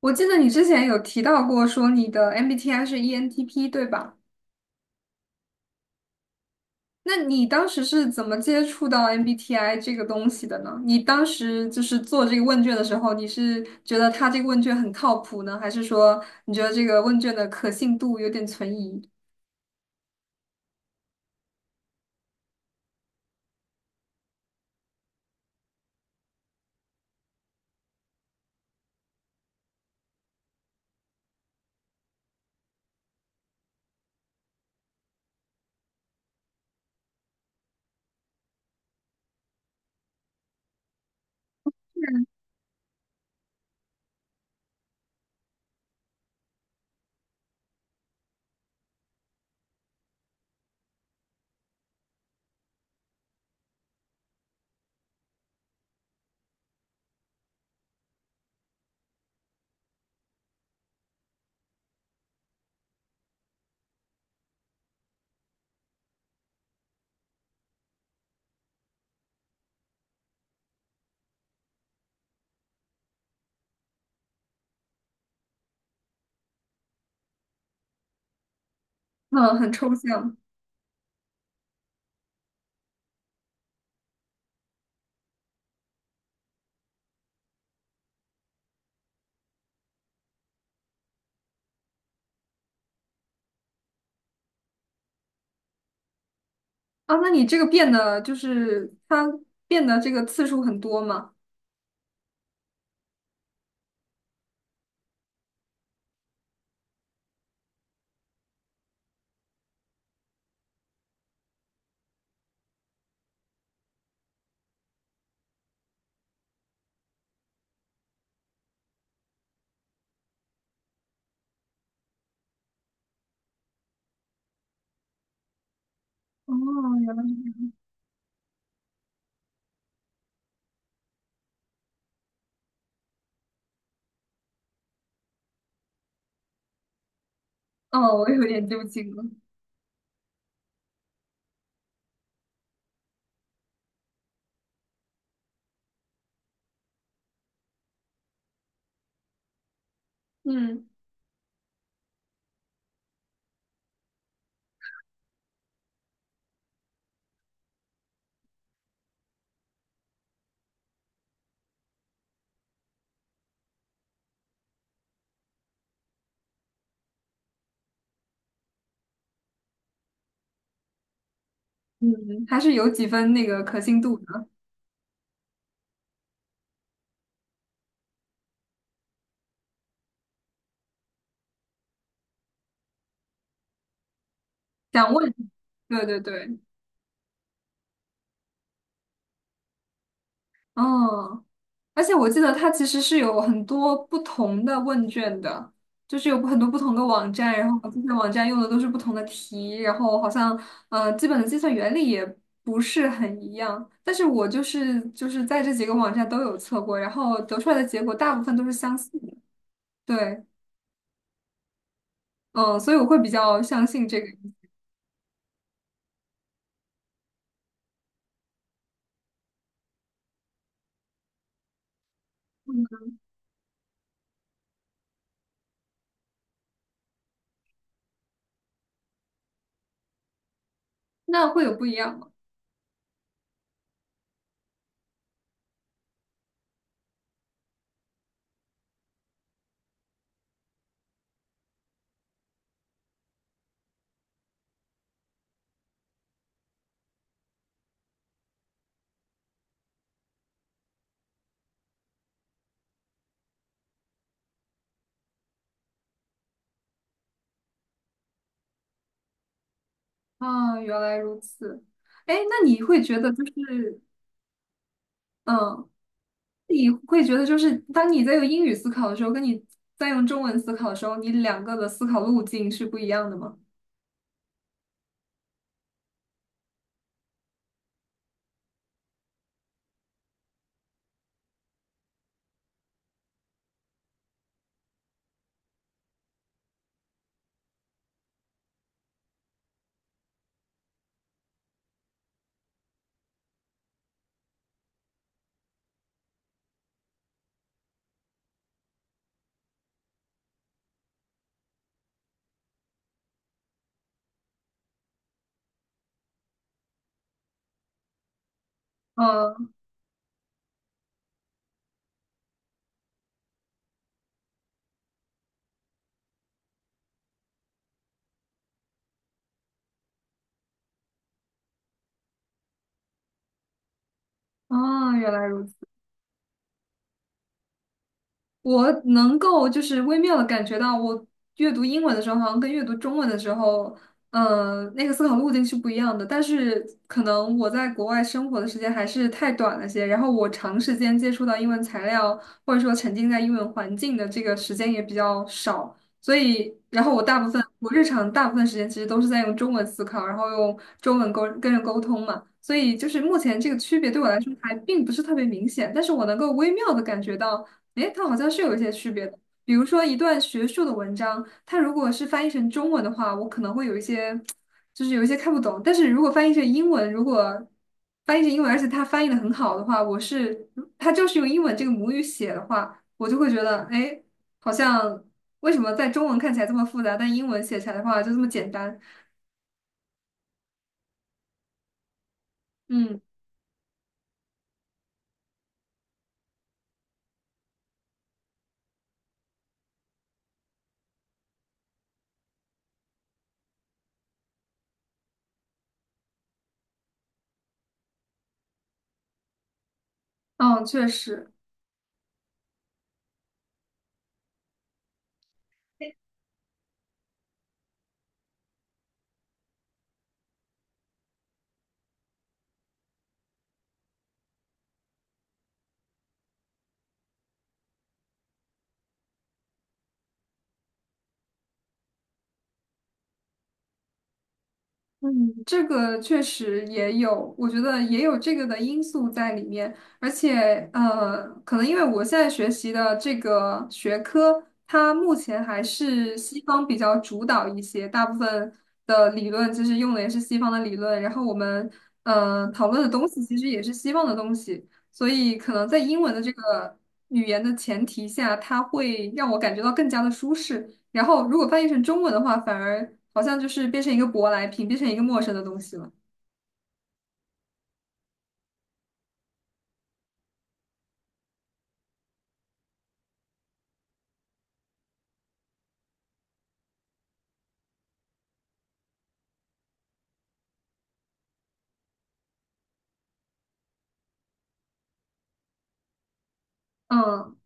我记得你之前有提到过，说你的 MBTI 是 ENTP，对吧？那你当时是怎么接触到 MBTI 这个东西的呢？你当时做这个问卷的时候，你是觉得他这个问卷很靠谱呢，还是说你觉得这个问卷的可信度有点存疑？嗯，很抽象啊。那你这个变的，就是他变的这个次数很多吗？哦，原来是这样。哦，我有点揪心了。嗯嗯，还是有几分那个可信度的。想问，对对对，嗯，而且我记得它其实是有很多不同的问卷的，就是有很多不同的网站，然后这些网站用的都是不同的题，然后好像基本的计算原理也不是很一样，但是我就是在这几个网站都有测过，然后得出来的结果大部分都是相似的，对。嗯，所以我会比较相信这个。那会有不一样吗？啊，原来如此。哎，那你会觉得嗯。你会觉得，就是当你在用英语思考的时候，跟你在用中文思考的时候，你两个的思考路径是不一样的吗？嗯，哦，原来如此。我能够就是微妙的感觉到，我阅读英文的时候，好像跟阅读中文的时候，那个思考路径是不一样的。但是可能我在国外生活的时间还是太短了些，然后我长时间接触到英文材料，或者说沉浸在英文环境的这个时间也比较少，所以，然后我大部分日常大部分时间其实都是在用中文思考，然后用中文沟跟人沟通嘛。所以就是目前这个区别对我来说还并不是特别明显，但是我能够微妙的感觉到。诶，它好像是有一些区别的。比如说，一段学术的文章，它如果是翻译成中文的话，我可能会有一些，就是有一些看不懂。但是如果翻译成英文，而且它翻译的很好的话，它就是用英文这个母语写的话，我就会觉得，诶，好像为什么在中文看起来这么复杂，但英文写起来的话就这么简单？嗯，嗯，确实。嗯，这个确实也有，我觉得也有这个的因素在里面，而且可能因为我现在学习的这个学科，它目前还是西方比较主导一些，大部分的理论其实用的也是西方的理论，然后我们讨论的东西其实也是西方的东西，所以可能在英文的这个语言的前提下，它会让我感觉到更加的舒适。然后如果翻译成中文的话，反而好像就是变成一个舶来品，变成一个陌生的东西了。嗯，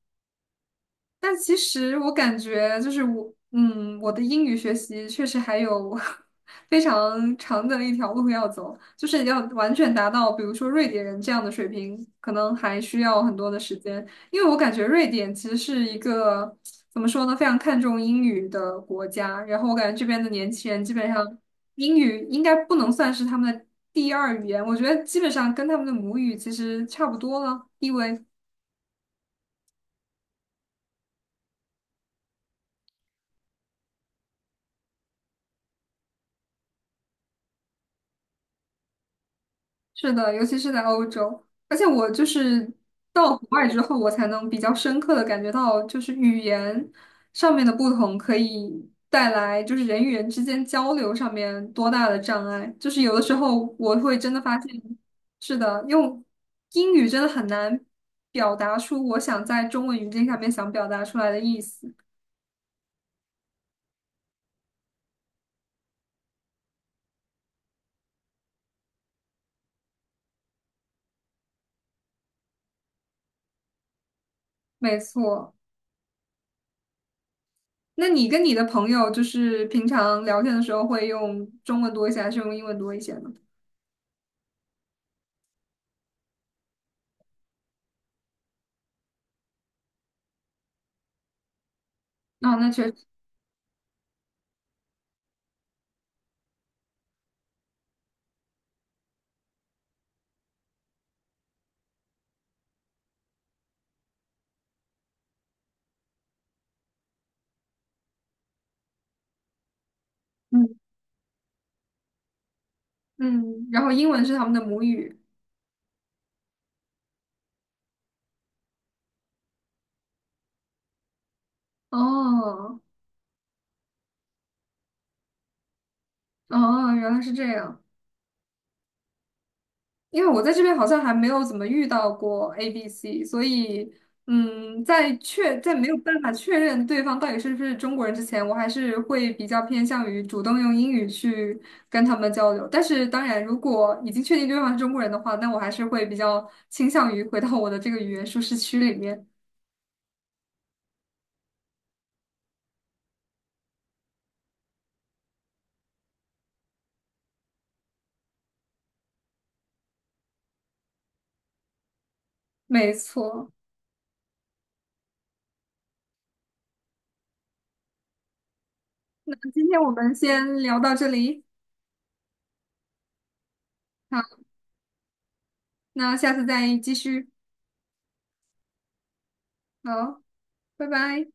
但其实我感觉我的英语学习确实还有 非常长的一条路要走，就是要完全达到，比如说瑞典人这样的水平，可能还需要很多的时间。因为我感觉瑞典其实是一个怎么说呢，非常看重英语的国家。然后我感觉这边的年轻人基本上英语应该不能算是他们的第二语言，我觉得基本上跟他们的母语其实差不多了，地位。是的，尤其是在欧洲，而且我到国外之后，我才能比较深刻的感觉到，就是语言上面的不同可以带来就是人与人之间交流上面多大的障碍。就是有的时候我会真的发现，是的，用英语真的很难表达出我想在中文语境下面想表达出来的意思。没错，那你跟你的朋友就是平常聊天的时候会用中文多一些，还是用英文多一些呢？啊，那确实。嗯。嗯，然后英文是他们的母语。哦，哦，原来是这样。因为我在这边好像还没有怎么遇到过 A、B、C，所以，嗯，在没有办法确认对方到底是不是中国人之前，我还是会比较偏向于主动用英语去跟他们交流。但是，当然，如果已经确定对方是中国人的话，那我还是会比较倾向于回到我的这个语言舒适区里面。没错，那今天我们先聊到这里，好，那下次再继续。好，拜拜。